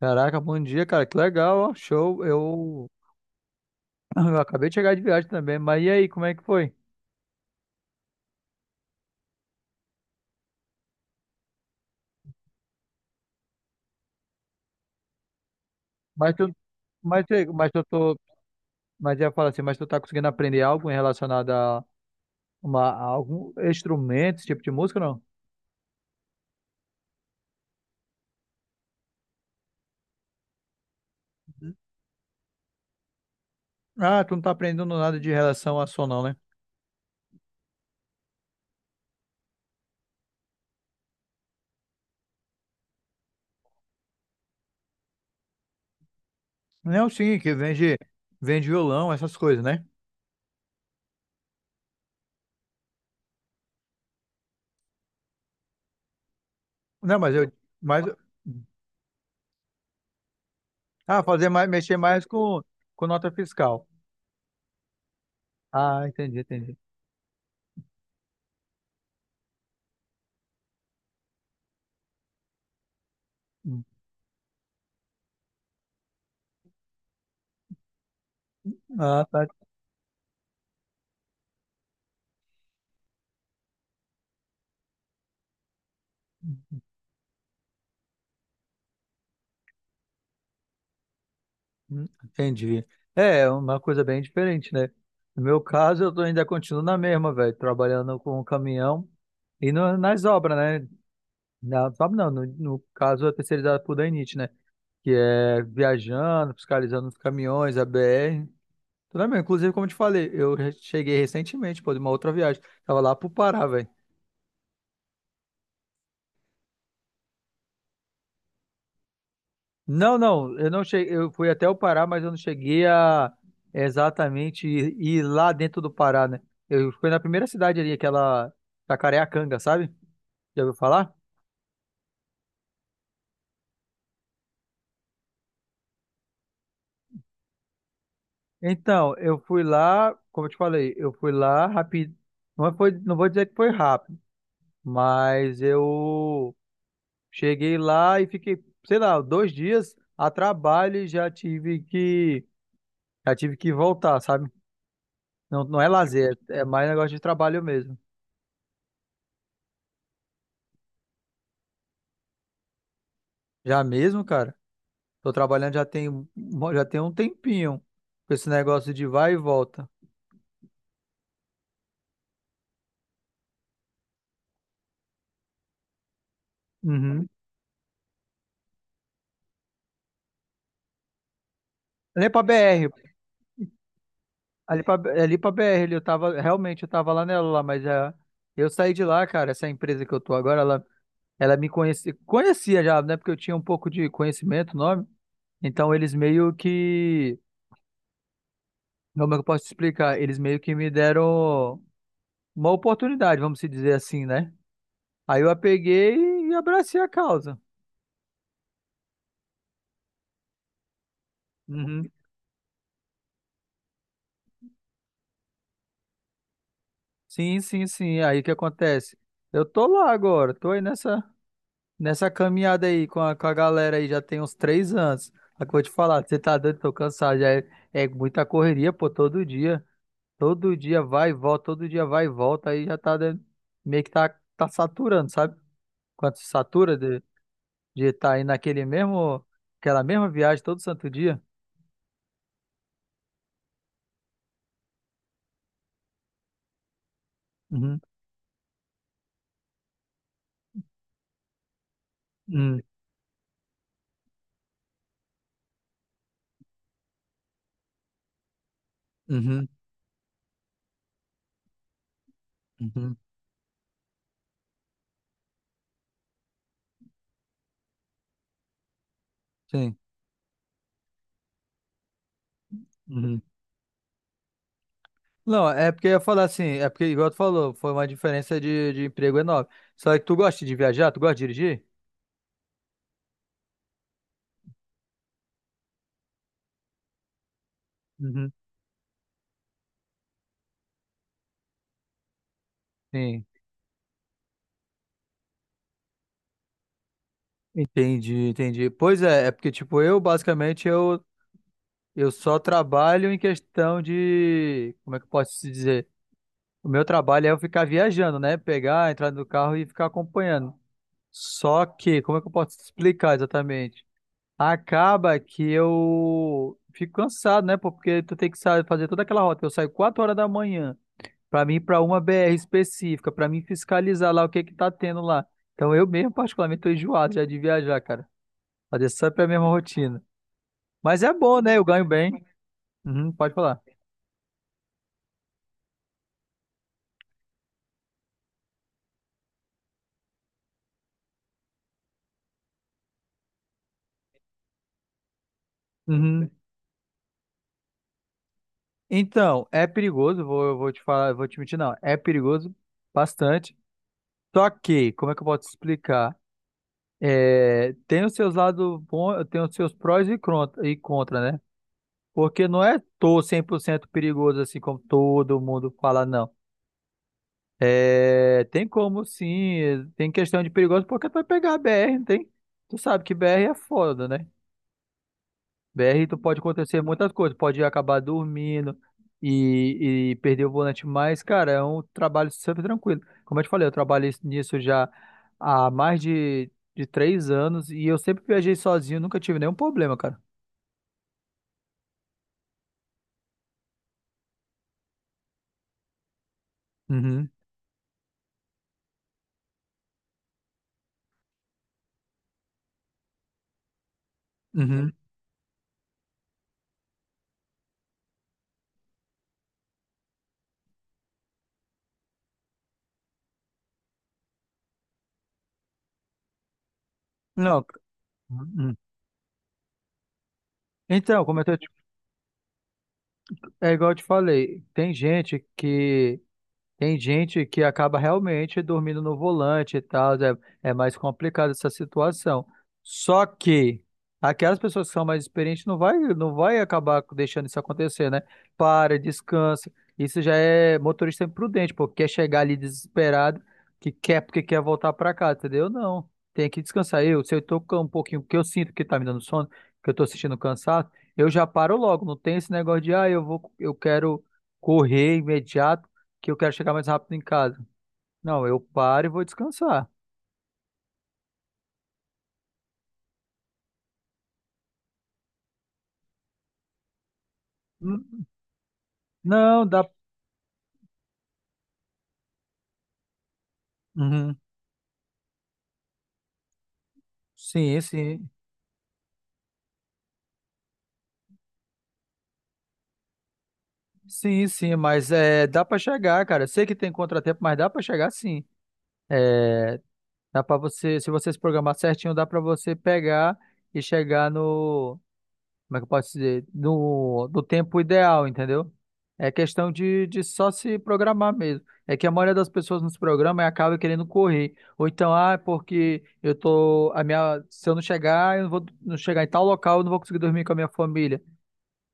Caraca, bom dia, cara. Que legal, ó. Show. Eu acabei de chegar de viagem também. Mas e aí, como é que foi? Mas tu, mas, tu- mas eu tô, mas eu ia falar assim, mas tu tá conseguindo aprender algo em relacionado a algum instrumento, esse tipo de música, não? Ah, tu não tá aprendendo nada de relação a som, não, né? Não, sim, que vende violão, essas coisas, né? Não, mas, ah, fazer mais, mexer mais com nota fiscal. Ah, entendi, entendi. Hum. Ah, tá. Entendi. É, é uma coisa bem diferente, né? No meu caso, ainda continuo na mesma, velho, trabalhando com o caminhão e nas obras, né? Na, obras não, no, no caso, é terceirizado por Danite, né? Que é viajando, fiscalizando os caminhões, a BR, tudo bem. Inclusive, como eu te falei, eu cheguei recentemente, pô, de uma outra viagem. Tava lá pro Pará, velho. Não, não, eu não cheguei, eu fui até o Pará, mas eu não cheguei a exatamente ir lá dentro do Pará, né? Eu fui na primeira cidade ali, aquela Jacareacanga, sabe? Já ouviu falar? Então, eu fui lá, como eu te falei, eu fui lá rápido. Não é foi, não vou dizer que foi rápido, mas eu cheguei lá e fiquei, sei lá, 2 dias a trabalho e já tive que voltar, sabe? Não, não é lazer, é mais negócio de trabalho mesmo. Já mesmo, cara? Tô trabalhando já tem um tempinho com esse negócio de vai e volta. Uhum. Ali pra BR, ali pra, ali pra BR, ali eu tava, realmente eu tava lá nela lá, mas é, eu saí de lá, cara, essa empresa que eu tô agora, ela me conhecia, conhecia já, né, porque eu tinha um pouco de conhecimento, nome, então eles meio que, como é que eu posso te explicar? Eles meio que me deram uma oportunidade, vamos se dizer assim, né? Aí eu a peguei e abracei a causa. Uhum. Sim, sim, sim. Aí o que acontece? Eu tô lá agora, tô aí nessa caminhada aí com a galera aí, já tem uns 3 anos. Só que eu vou te falar, você tá doido, tô cansado, já é muita correria, pô, todo dia. Todo dia vai e volta, todo dia vai e volta, aí já tá meio que tá saturando, sabe? Quando se satura de estar tá aí naquele mesmo, aquela mesma viagem todo santo dia. Uhum, uhum, uhum, uhum, sim. Não, é porque eu ia falar assim, é porque, igual tu falou, foi uma diferença de emprego enorme. Só que tu gosta de viajar? Tu gosta de dirigir? Uhum. Sim, entendi, entendi. Pois é, é porque, tipo, eu só trabalho em questão de. Como é que eu posso te dizer? O meu trabalho é eu ficar viajando, né? Pegar, entrar no carro e ficar acompanhando. Só que, como é que eu posso te explicar exatamente? Acaba que eu fico cansado, né? Pô? Porque tu tem que fazer toda aquela rota. Eu saio 4 horas da manhã. Para mim, para uma BR específica, para mim fiscalizar lá o que que tá tendo lá. Então eu mesmo, particularmente, tô enjoado já de viajar, cara. Fazer sempre é a mesma rotina. Mas é bom, né? Eu ganho bem. Uhum, pode falar. Uhum. Então, é perigoso, vou te falar, vou te mentir, não. É perigoso bastante. Só que, como é que eu posso explicar? É, tem os seus lados bons, tem os seus prós e contra, né? Porque não é tô 100% perigoso assim como todo mundo fala, não. É, tem como sim, tem questão de perigoso, porque tu vai pegar a BR, não tem? Tu sabe que BR é foda, né? BR tu pode acontecer muitas coisas, pode acabar dormindo e perder o volante, mas, cara, é um trabalho super tranquilo. Como eu te falei, eu trabalhei nisso já há mais de 3 anos e eu sempre viajei sozinho, nunca tive nenhum problema, cara. Uhum, uhum. Não, uhum. Então, como eu tô te- é igual eu te falei, tem gente que acaba realmente dormindo no volante e tal, é mais complicado essa situação. Só que aquelas pessoas que são mais experientes não vai acabar deixando isso acontecer, né? Para, descansa. Isso já é motorista imprudente, porque quer chegar ali desesperado, que quer porque quer voltar para casa, entendeu? Não. Tem que descansar. Se eu tô com um pouquinho, porque eu sinto que tá me dando sono, que eu tô sentindo cansado, eu já paro logo. Não tem esse negócio de, ah, eu quero correr imediato que eu quero chegar mais rápido em casa. Não, eu paro e vou descansar. Hum, Não, dá. Uhum. Sim, sim. Sim, sim, mas é, dá pra chegar, cara. Sei que tem contratempo, mas dá pra chegar sim. É, dá pra você se programar certinho, dá pra você pegar e chegar no, como é que eu posso dizer? No, do tempo ideal, entendeu? É questão de só se programar mesmo. É que a maioria das pessoas nos programam e acaba querendo correr. Ou então, ah, é porque eu tô, a minha, se eu não chegar, eu não vou não chegar em tal local, eu não vou conseguir dormir com a minha família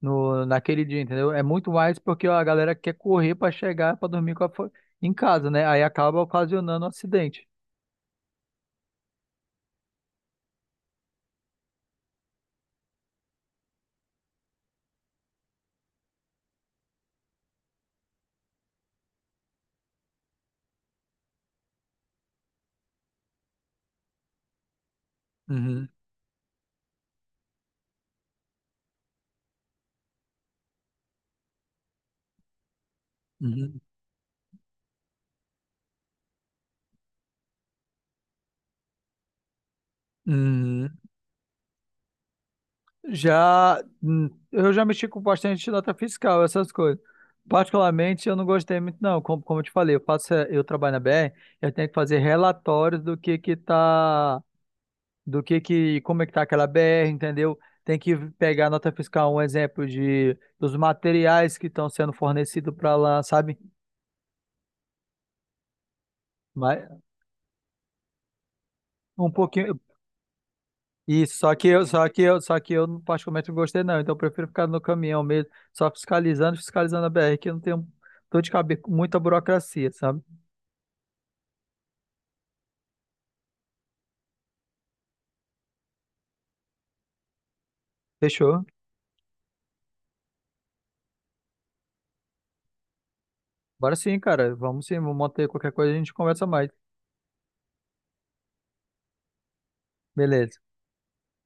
no, naquele dia, entendeu? É muito mais porque a galera quer correr para chegar, para dormir em casa, né? Aí acaba ocasionando um acidente. Uhum, uhum, uhum. Já, eu já mexi com bastante nota fiscal, essas coisas. Particularmente, eu não gostei muito, não. Como eu te falei, eu trabalho na BR, eu tenho que fazer relatórios do que tá, como é que tá aquela BR, entendeu? Tem que pegar nota fiscal, um exemplo de dos materiais que estão sendo fornecidos para lá, sabe? Mas um pouquinho, isso, só que eu, só que eu, só que eu particularmente não gostei não, então eu prefiro ficar no caminhão mesmo, só fiscalizando a BR, que eu não tenho dor de cabeça, com muita burocracia, sabe? Fechou? Bora sim, cara, vamos sim, vamos manter qualquer coisa, a gente conversa mais. Beleza.